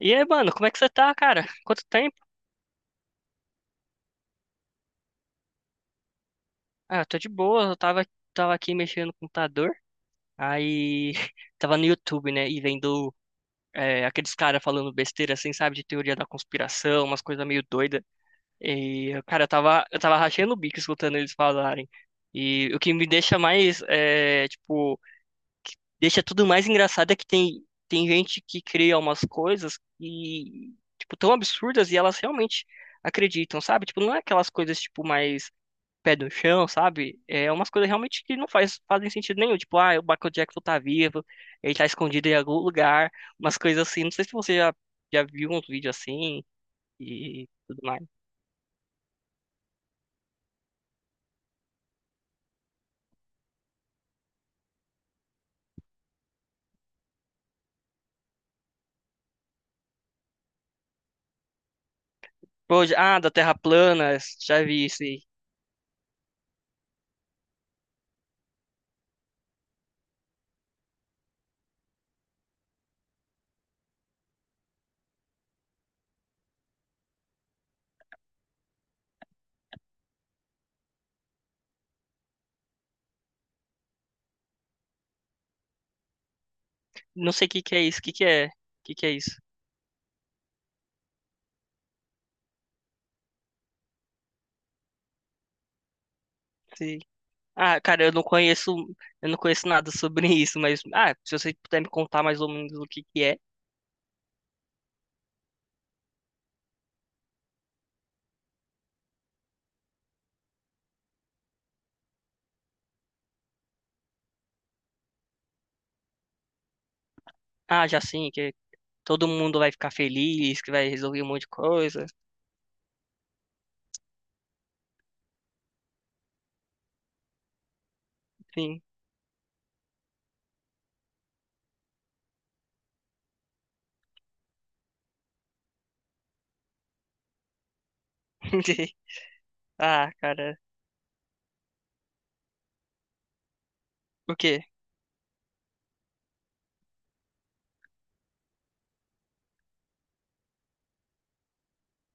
E aí, mano, como é que você tá, cara? Quanto tempo? Ah, eu tô de boa, eu tava, tava aqui mexendo no computador, aí tava no YouTube, né, e vendo aqueles caras falando besteira, assim, sabe, de teoria da conspiração, umas coisas meio doidas. E, cara, eu tava rachando o bico escutando eles falarem. E o que me deixa mais, é, tipo, deixa tudo mais engraçado é que tem gente que cria umas coisas e, tipo, tão absurdas e elas realmente acreditam, sabe? Tipo, não é aquelas coisas, tipo, mais pé no chão, sabe? É umas coisas realmente que não faz, fazem sentido nenhum. Tipo, ah, o Michael Jackson tá vivo, ele tá escondido em algum lugar, umas coisas assim. Não sei se já viu uns vídeos assim e tudo mais. Pô, ah, da Terra plana, já vi isso aí. Não sei o que que é isso, o que que é? O que que é isso? Sim. Ah, cara, eu não conheço nada sobre isso, mas ah, se você puder me contar mais ou menos o que que é. Ah, já sim, que todo mundo vai ficar feliz, que vai resolver um monte de coisa, sim. Ah, cara. O quê?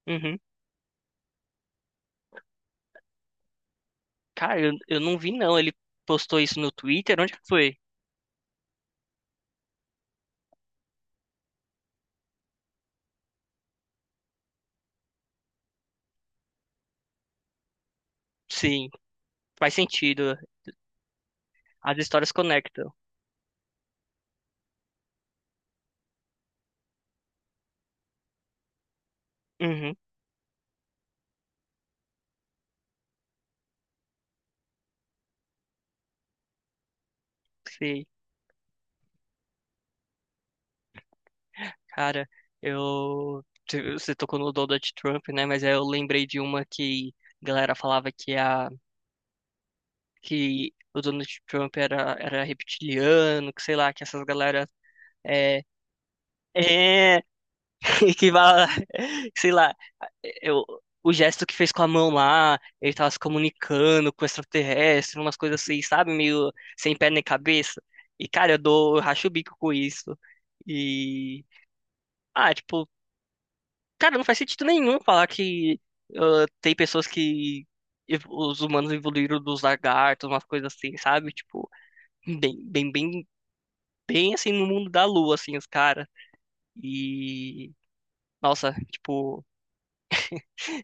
Uhum. Cara, eu não vi não. Ele postou isso no Twitter? Onde que foi? Sim, faz sentido. As histórias conectam. Uhum, sei. Cara, Você tocou no Donald Trump, né? Mas aí eu lembrei de uma que a galera falava que a. que o Donald Trump era reptiliano, que sei lá, que essas galera. É. É. que, vai, sei lá, eu, o gesto que fez com a mão lá, ele tava se comunicando com o extraterrestre, umas coisas assim, sabe? Meio sem pé nem cabeça. E, cara, eu racho o bico com isso. E, ah, tipo, cara, não faz sentido nenhum falar que ah, tem pessoas que os humanos evoluíram dos lagartos, umas coisas assim, sabe? Tipo, bem, bem, bem, bem assim no mundo da lua, assim, os caras. E, nossa, tipo,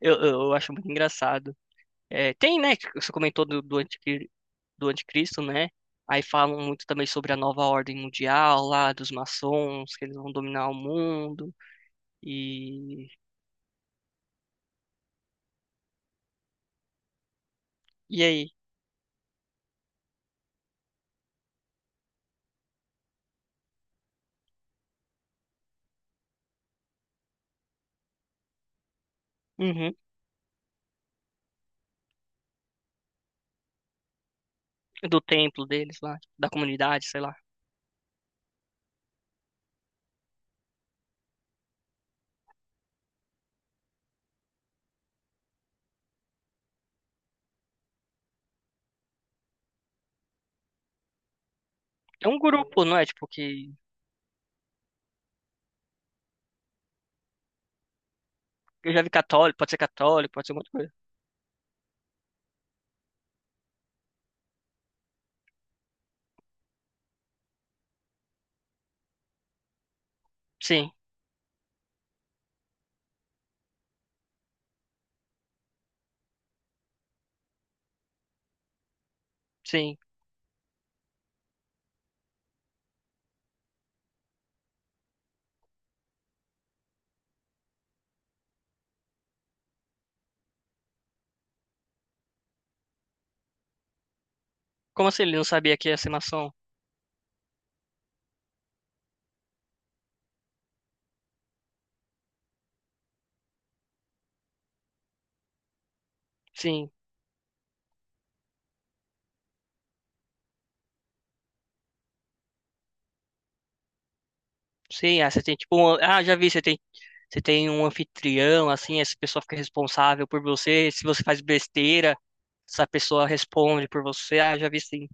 eu acho muito engraçado. É, tem, né? que Você comentou do, do, do anticristo, né? Aí falam muito também sobre a nova ordem mundial lá, dos maçons, que eles vão dominar o mundo. E, e aí? Uhum, do templo deles lá, da comunidade, sei lá. É um grupo, não é? Tipo, que eu já vi católico, pode ser muita coisa. Sim, sim. Como assim ele não sabia que ia ser maçom? Sim, sim. Ah, você tem ah, já vi, você tem um anfitrião, assim, essa pessoa fica responsável por você. Se você faz besteira, essa pessoa responde por você. Ah, já vi sim.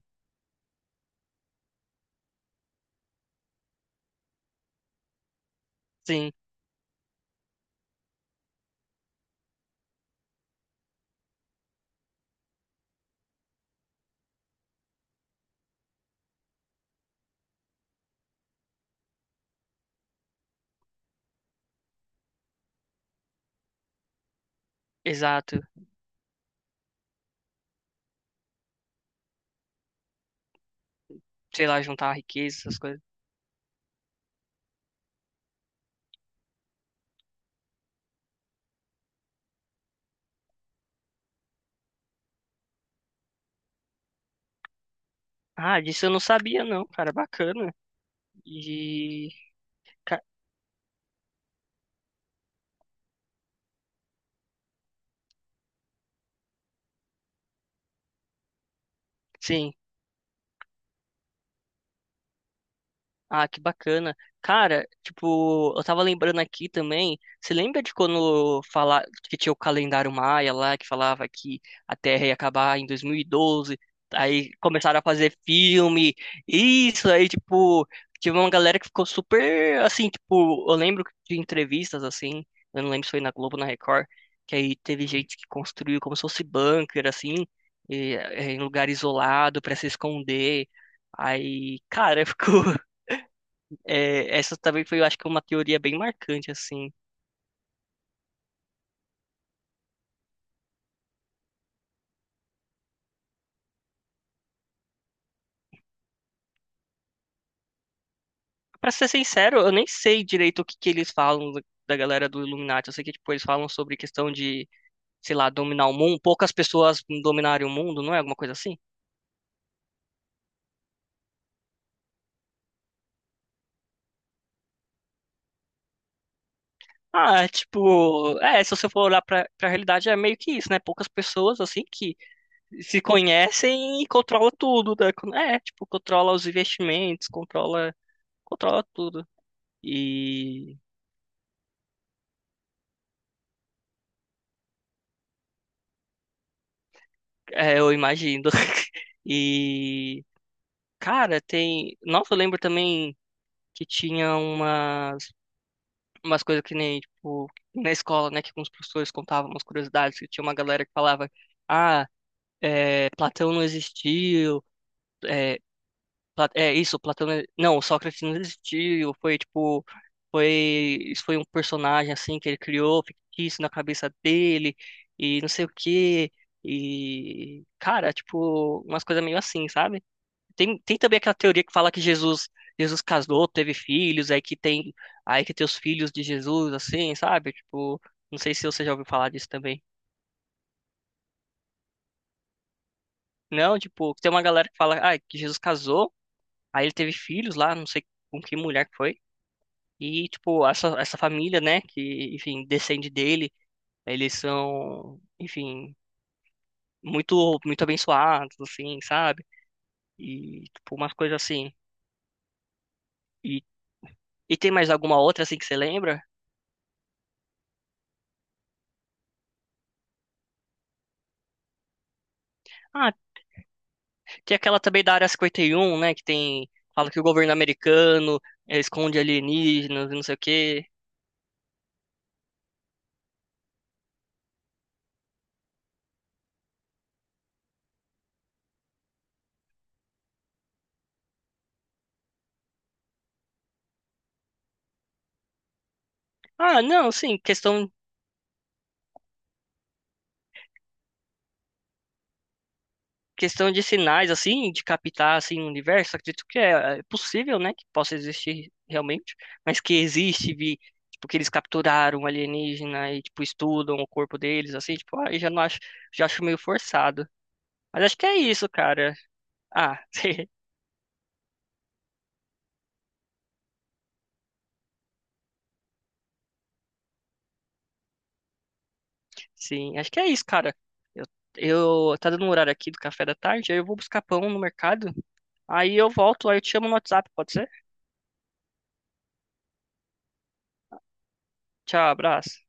Sim, exato. Sei lá, juntar riqueza, essas coisas. Ah, disso eu não sabia, não, cara. Bacana. E. ca- Sim. Ah, que bacana. Cara, tipo, eu tava lembrando aqui também. Você lembra de quando falar que tinha o calendário Maia lá, que falava que a Terra ia acabar em 2012? Aí começaram a fazer filme. Isso aí, tipo, tive uma galera que ficou super assim, tipo, eu lembro de entrevistas assim, eu não lembro se foi na Globo, ou na Record, que aí teve gente que construiu como se fosse bunker assim, em lugar isolado pra se esconder. Aí, cara, ficou É, essa também foi, eu acho que uma teoria bem marcante, assim. Pra ser sincero, eu nem sei direito o que que eles falam da galera do Illuminati. Eu sei que, tipo, eles falam sobre questão de, sei lá, dominar o mundo. Poucas pessoas dominarem o mundo, não é? Alguma coisa assim? Ah, é tipo, é, se você for olhar pra realidade, é meio que isso, né? Poucas pessoas, assim, que se conhecem e controla tudo, né? É, tipo, controla os investimentos, controla tudo. E, é, eu imagino. E cara, tem. Nossa, eu lembro também que tinha umas coisas que nem, tipo, na escola, né, que com os professores contavam umas curiosidades, que tinha uma galera que falava, ah, é, Platão não existiu, é, é isso, Platão não... não, Sócrates não existiu, foi tipo, foi, isso foi um personagem assim que ele criou, fictício na cabeça dele, e não sei o quê. E, cara, tipo, umas coisas meio assim, sabe? Tem também aquela teoria que fala que Jesus, Jesus casou, teve filhos, aí que tem os filhos de Jesus, assim, sabe? Tipo, não sei se você já ouviu falar disso também. Não, tipo, tem uma galera que fala, ah, que Jesus casou, aí ele teve filhos lá, não sei com que mulher que foi. E, tipo, essa família, né, que, enfim, descende dele, eles são, enfim, muito abençoados, assim, sabe? E, tipo, umas coisas assim. E, e tem mais alguma outra, assim, que você lembra? Ah, tem aquela também da Área 51, né? Que tem. Fala que o governo americano esconde alienígenas e não sei o quê. Ah, não, sim, questão de sinais, assim, de captar, assim, o universo. Acredito que é, é possível, né? Que possa existir realmente. Mas que existe, vi, tipo, que eles capturaram um alienígena e, tipo, estudam o corpo deles, assim, tipo, aí já não acho, já acho meio forçado. Mas acho que é isso, cara. Ah, Sim, acho que é isso, cara. Eu, eu tá dando um horário aqui do café da tarde, aí eu vou buscar pão no mercado. Aí eu volto, aí eu te chamo no WhatsApp, pode ser? Tchau, abraço.